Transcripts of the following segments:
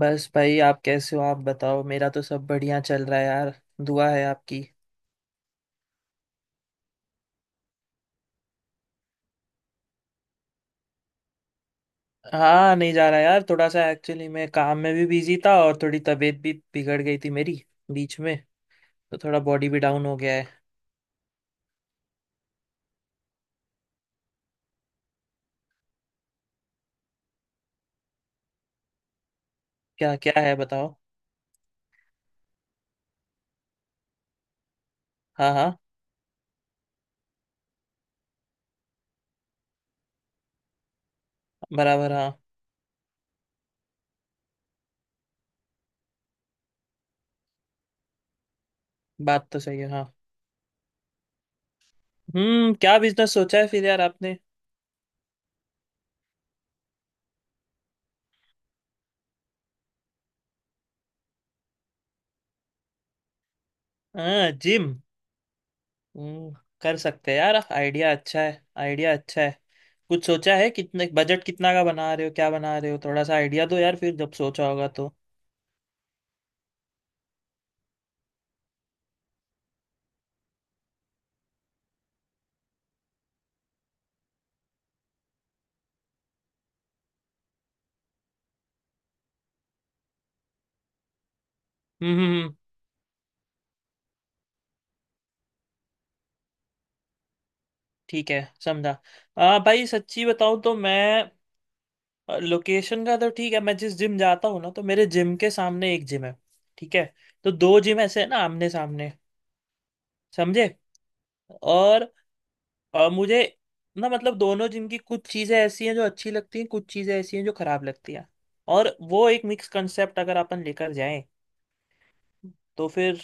बस भाई, आप कैसे हो? आप बताओ, मेरा तो सब बढ़िया चल रहा है यार। दुआ है आपकी। हाँ, नहीं जा रहा यार, थोड़ा सा एक्चुअली मैं काम में भी बिजी था, और थोड़ी तबीयत भी बिगड़ गई थी मेरी बीच में। तो थोड़ा बॉडी भी डाउन हो गया है। क्या? क्या है बताओ। हाँ हाँ, बराबर, हाँ। बात तो सही है, हाँ। हम्म, क्या बिजनेस सोचा है फिर यार आपने? हाँ, जिम। हम्म, कर सकते हैं यार, आइडिया अच्छा है, आइडिया अच्छा है। कुछ सोचा है? कितने बजट, कितना का बना रहे हो, क्या बना रहे हो? थोड़ा सा आइडिया दो यार, फिर जब सोचा होगा तो। हम्म हम्म, ठीक है, समझा। भाई सच्ची बताऊं तो मैं, लोकेशन का तो ठीक है, मैं जिस जिम जाता हूँ ना, तो मेरे जिम के सामने एक जिम है। ठीक है। तो दो जिम ऐसे है ना, आमने सामने। समझे? और मुझे ना मतलब, दोनों जिम की कुछ चीजें ऐसी हैं जो अच्छी लगती हैं, कुछ चीजें ऐसी हैं जो खराब लगती हैं। और वो एक मिक्स कंसेप्ट अगर अपन लेकर जाएं, तो फिर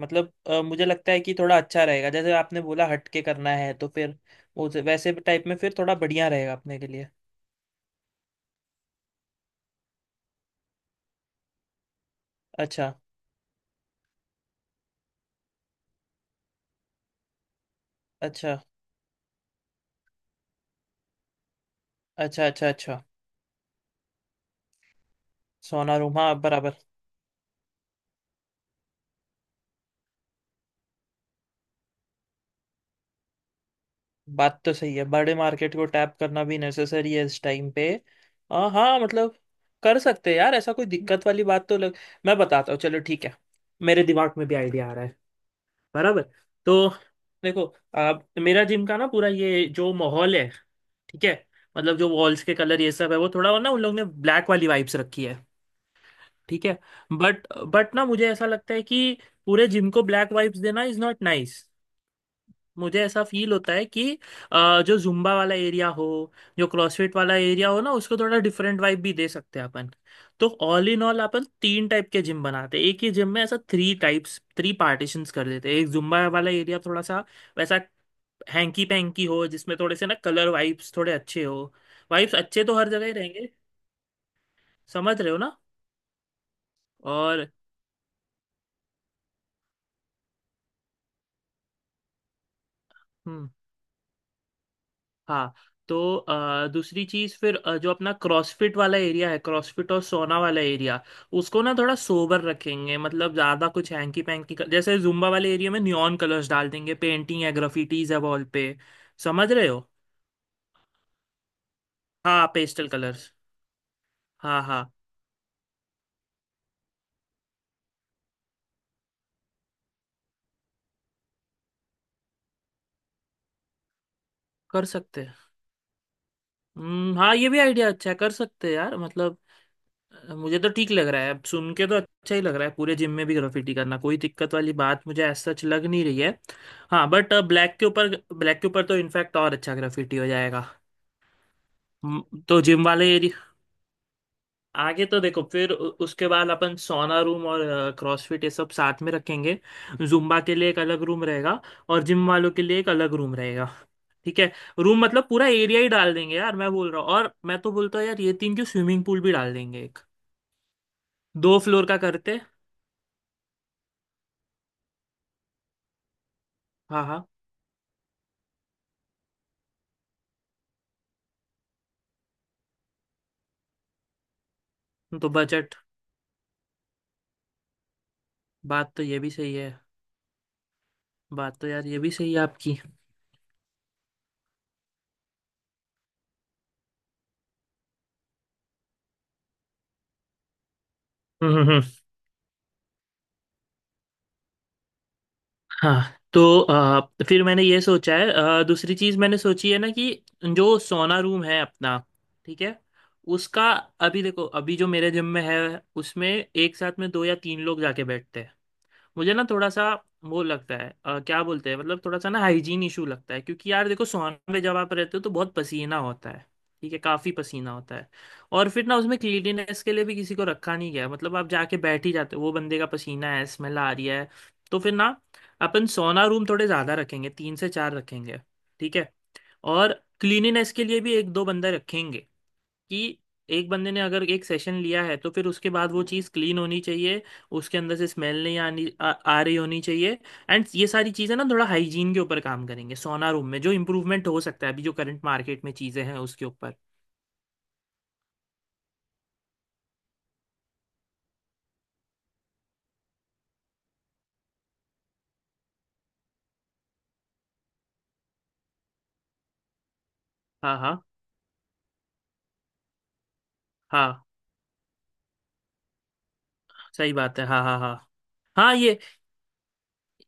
मतलब मुझे लगता है कि थोड़ा अच्छा रहेगा। जैसे आपने बोला हट के करना है, तो फिर वो वैसे टाइप में फिर थोड़ा बढ़िया रहेगा अपने के लिए। अच्छा, अच्छा, अच्छा, अच्छा, अच्छा। सोनारूमा, हाँ, बराबर। बात तो सही है, बड़े मार्केट को टैप करना भी नेसेसरी है इस टाइम पे। हाँ, मतलब कर सकते हैं यार, ऐसा कोई दिक्कत वाली बात तो लग। मैं बताता हूँ, चलो ठीक है, मेरे दिमाग में भी आइडिया आ रहा है। बराबर। तो देखो, आप मेरा जिम का ना पूरा ये जो माहौल है, ठीक है, मतलब जो वॉल्स के कलर ये सब है, वो थोड़ा ना उन लोग ने ब्लैक वाली वाइब्स रखी है। ठीक है। बट बट ना मुझे ऐसा लगता है कि पूरे जिम को ब्लैक वाइब्स देना इज नॉट नाइस। मुझे ऐसा फील होता है कि जो जुम्बा वाला एरिया हो, जो क्रॉसफिट वाला एरिया हो ना, उसको थोड़ा डिफरेंट वाइब भी दे सकते हैं अपन। तो all in all, upon 3 type के जिम बनाते हैं एक ही जिम में, ऐसा थ्री टाइप्स थ्री पार्टीशंस कर देते हैं। एक जुम्बा वाला एरिया थोड़ा सा वैसा हैंकी पैंकी हो, जिसमें थोड़े से ना कलर वाइब्स थोड़े अच्छे हो। वाइब्स अच्छे तो हर जगह ही रहेंगे, समझ रहे हो ना? और हम्म, हाँ। तो दूसरी चीज फिर, जो अपना क्रॉसफिट वाला एरिया है, क्रॉसफिट और सोना वाला एरिया, उसको ना थोड़ा सोबर रखेंगे। मतलब ज्यादा कुछ हैंकी पैंकी जैसे जुम्बा वाले एरिया में नियॉन कलर्स डाल देंगे, पेंटिंग है, ग्राफिटीज है वॉल पे, समझ रहे हो? हाँ, पेस्टल कलर्स। हाँ हाँ, कर सकते हैं। हाँ, ये भी आइडिया अच्छा है, कर सकते हैं यार। मतलब मुझे तो ठीक लग रहा है, अब सुन के तो अच्छा ही लग रहा है। पूरे जिम में भी ग्राफिटी करना, कोई दिक्कत वाली बात मुझे एज सच लग नहीं रही है। हाँ, बट ब्लैक के ऊपर, ब्लैक के ऊपर तो इनफैक्ट और अच्छा ग्राफिटी हो जाएगा। तो जिम वाले एरिया, आगे तो देखो, फिर उसके बाद अपन सोना रूम और क्रॉसफिट ये सब साथ में रखेंगे। जुम्बा के लिए एक अलग रूम रहेगा, और जिम वालों के लिए एक अलग रूम रहेगा। ठीक है? रूम मतलब पूरा एरिया ही डाल देंगे यार, मैं बोल रहा हूँ। और मैं तो बोलता हूँ यार, ये तीन क्यों, स्विमिंग पूल भी डाल देंगे एक, दो फ्लोर का करते। हाँ हाँ, तो बजट, बात तो ये भी सही है, बात तो यार ये भी सही है आपकी। हम्म हम्म हम्म। हाँ, तो फिर मैंने ये सोचा है, दूसरी चीज मैंने सोची है ना कि जो सोना रूम है अपना, ठीक है, उसका अभी देखो, अभी जो मेरे जिम में है, उसमें एक साथ में 2 या 3 लोग जाके बैठते हैं। मुझे ना थोड़ा सा वो लगता है, क्या बोलते हैं, मतलब थोड़ा सा ना हाइजीन इशू लगता है। क्योंकि यार देखो, सोन में जब आप रहते हो तो बहुत पसीना होता है। ठीक है, काफी पसीना होता है। और फिर ना उसमें क्लीनिनेस के लिए भी किसी को रखा नहीं गया है। मतलब आप जाके बैठ ही जाते हो, वो बंदे का पसीना है, स्मेल आ रही है। तो फिर ना, अपन सोना रूम थोड़े ज्यादा रखेंगे, 3 से 4 रखेंगे। ठीक है। और क्लीनिनेस के लिए भी एक दो बंदे रखेंगे, कि एक बंदे ने अगर एक सेशन लिया है, तो फिर उसके बाद वो चीज़ क्लीन होनी चाहिए, उसके अंदर से स्मेल नहीं आनी आ रही होनी चाहिए। एंड ये सारी चीज़ें ना थोड़ा हाइजीन के ऊपर काम करेंगे, सोना रूम में जो इम्प्रूवमेंट हो सकता है अभी जो करंट मार्केट में चीज़ें हैं उसके ऊपर। हाँ हाँ हाँ, सही बात है। हाँ हाँ हाँ, हाँ ये,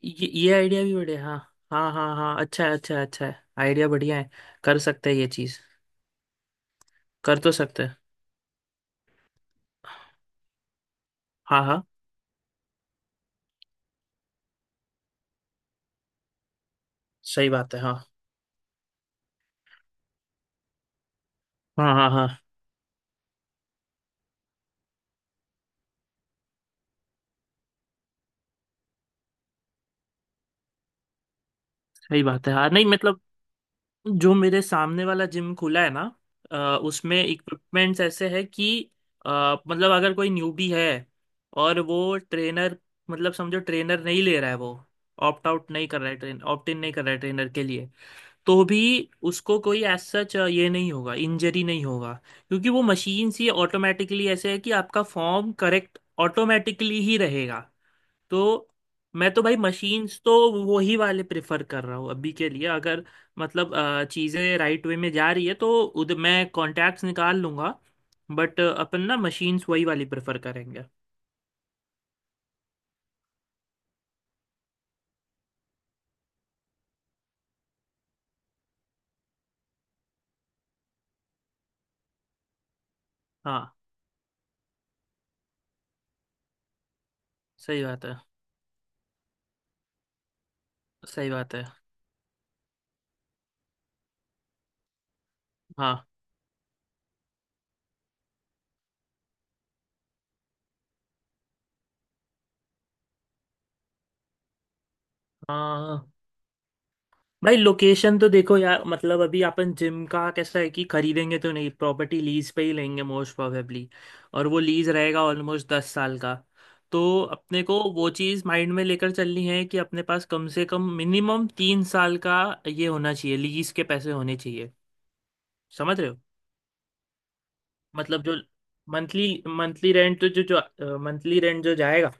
ये आइडिया भी बढ़िया, हाँ। हाँ हाँ हाँ, अच्छा है, अच्छा है, अच्छा है, आइडिया बढ़िया है। कर सकते हैं ये चीज़, कर तो सकते हैं। हाँ हाँ, सही बात है। हाँ हाँ हाँ, हाँ सही बात है, हाँ नहीं, मतलब जो मेरे सामने वाला जिम खुला है ना, अ, उसमें इक्विपमेंट्स ऐसे है कि अ, मतलब अगर कोई न्यूबी है और वो ट्रेनर, मतलब समझो ट्रेनर नहीं ले रहा है, वो ऑप्ट आउट नहीं कर रहा है, ट्रेन ऑप्ट इन नहीं कर रहा है ट्रेनर के लिए, तो भी उसको कोई एज सच ये नहीं होगा, इंजरी नहीं होगा। क्योंकि वो मशीन सी ऑटोमेटिकली ऐसे है कि आपका फॉर्म करेक्ट ऑटोमेटिकली ही रहेगा। तो मैं तो भाई, मशीन्स तो वो ही वाले प्रेफर कर रहा हूँ अभी के लिए। अगर मतलब चीज़ें राइट वे में जा रही है तो उधर मैं कॉन्टैक्ट्स निकाल लूँगा। बट अपन ना मशीन्स वही वाली प्रेफर करेंगे। हाँ, सही बात है, सही बात है। हाँ हाँ हाँ, हाँ। भाई लोकेशन तो देखो यार, मतलब अभी अपन जिम का कैसा है कि खरीदेंगे तो नहीं, प्रॉपर्टी लीज पे ही लेंगे, मोस्ट प्रोबेबली। और वो लीज रहेगा ऑलमोस्ट 10 साल का। तो अपने को वो चीज़ माइंड में लेकर चलनी है कि अपने पास कम से कम मिनिमम 3 साल का ये होना चाहिए, लीज के पैसे होने चाहिए, समझ रहे हो? मतलब जो मंथली, मंथली रेंट तो, जो जो मंथली रेंट जो जाएगा,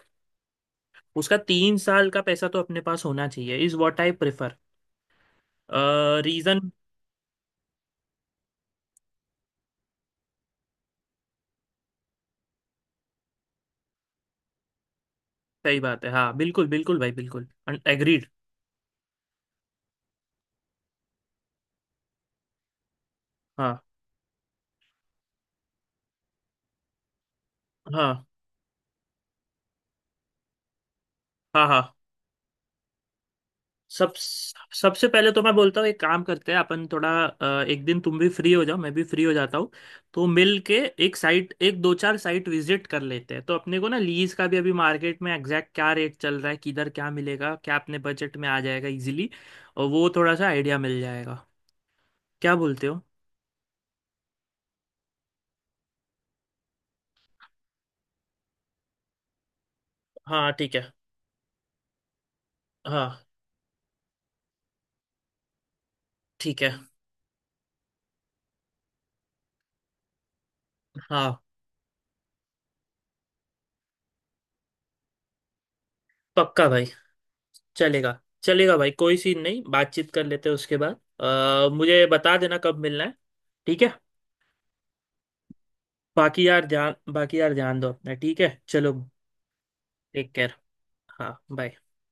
उसका 3 साल का पैसा तो अपने पास होना चाहिए, is what I prefer. Reason. सही बात है, हाँ बिल्कुल, बिल्कुल भाई, बिल्कुल, एग्रीड। हाँ हाँ हाँ, हाँ। सब सबसे पहले तो मैं बोलता हूँ, एक काम करते हैं अपन, थोड़ा एक दिन तुम भी फ्री हो जाओ, मैं भी फ्री हो जाता हूँ, तो मिल के एक साइट, एक दो चार साइट विजिट कर लेते हैं, तो अपने को ना लीज का भी अभी मार्केट में एग्जैक्ट क्या रेट चल रहा है, किधर क्या मिलेगा, क्या अपने बजट में आ जाएगा इजीली, और वो थोड़ा सा आइडिया मिल जाएगा। क्या बोलते हो? हाँ ठीक है, हाँ ठीक है, हाँ। पक्का भाई, चलेगा चलेगा भाई, कोई सीन नहीं, बातचीत कर लेते हैं उसके बाद, मुझे बता देना कब मिलना है। ठीक है। बाकी यार ध्यान, बाकी यार ध्यान दो अपना, ठीक है, चलो, टेक केयर। हाँ bye।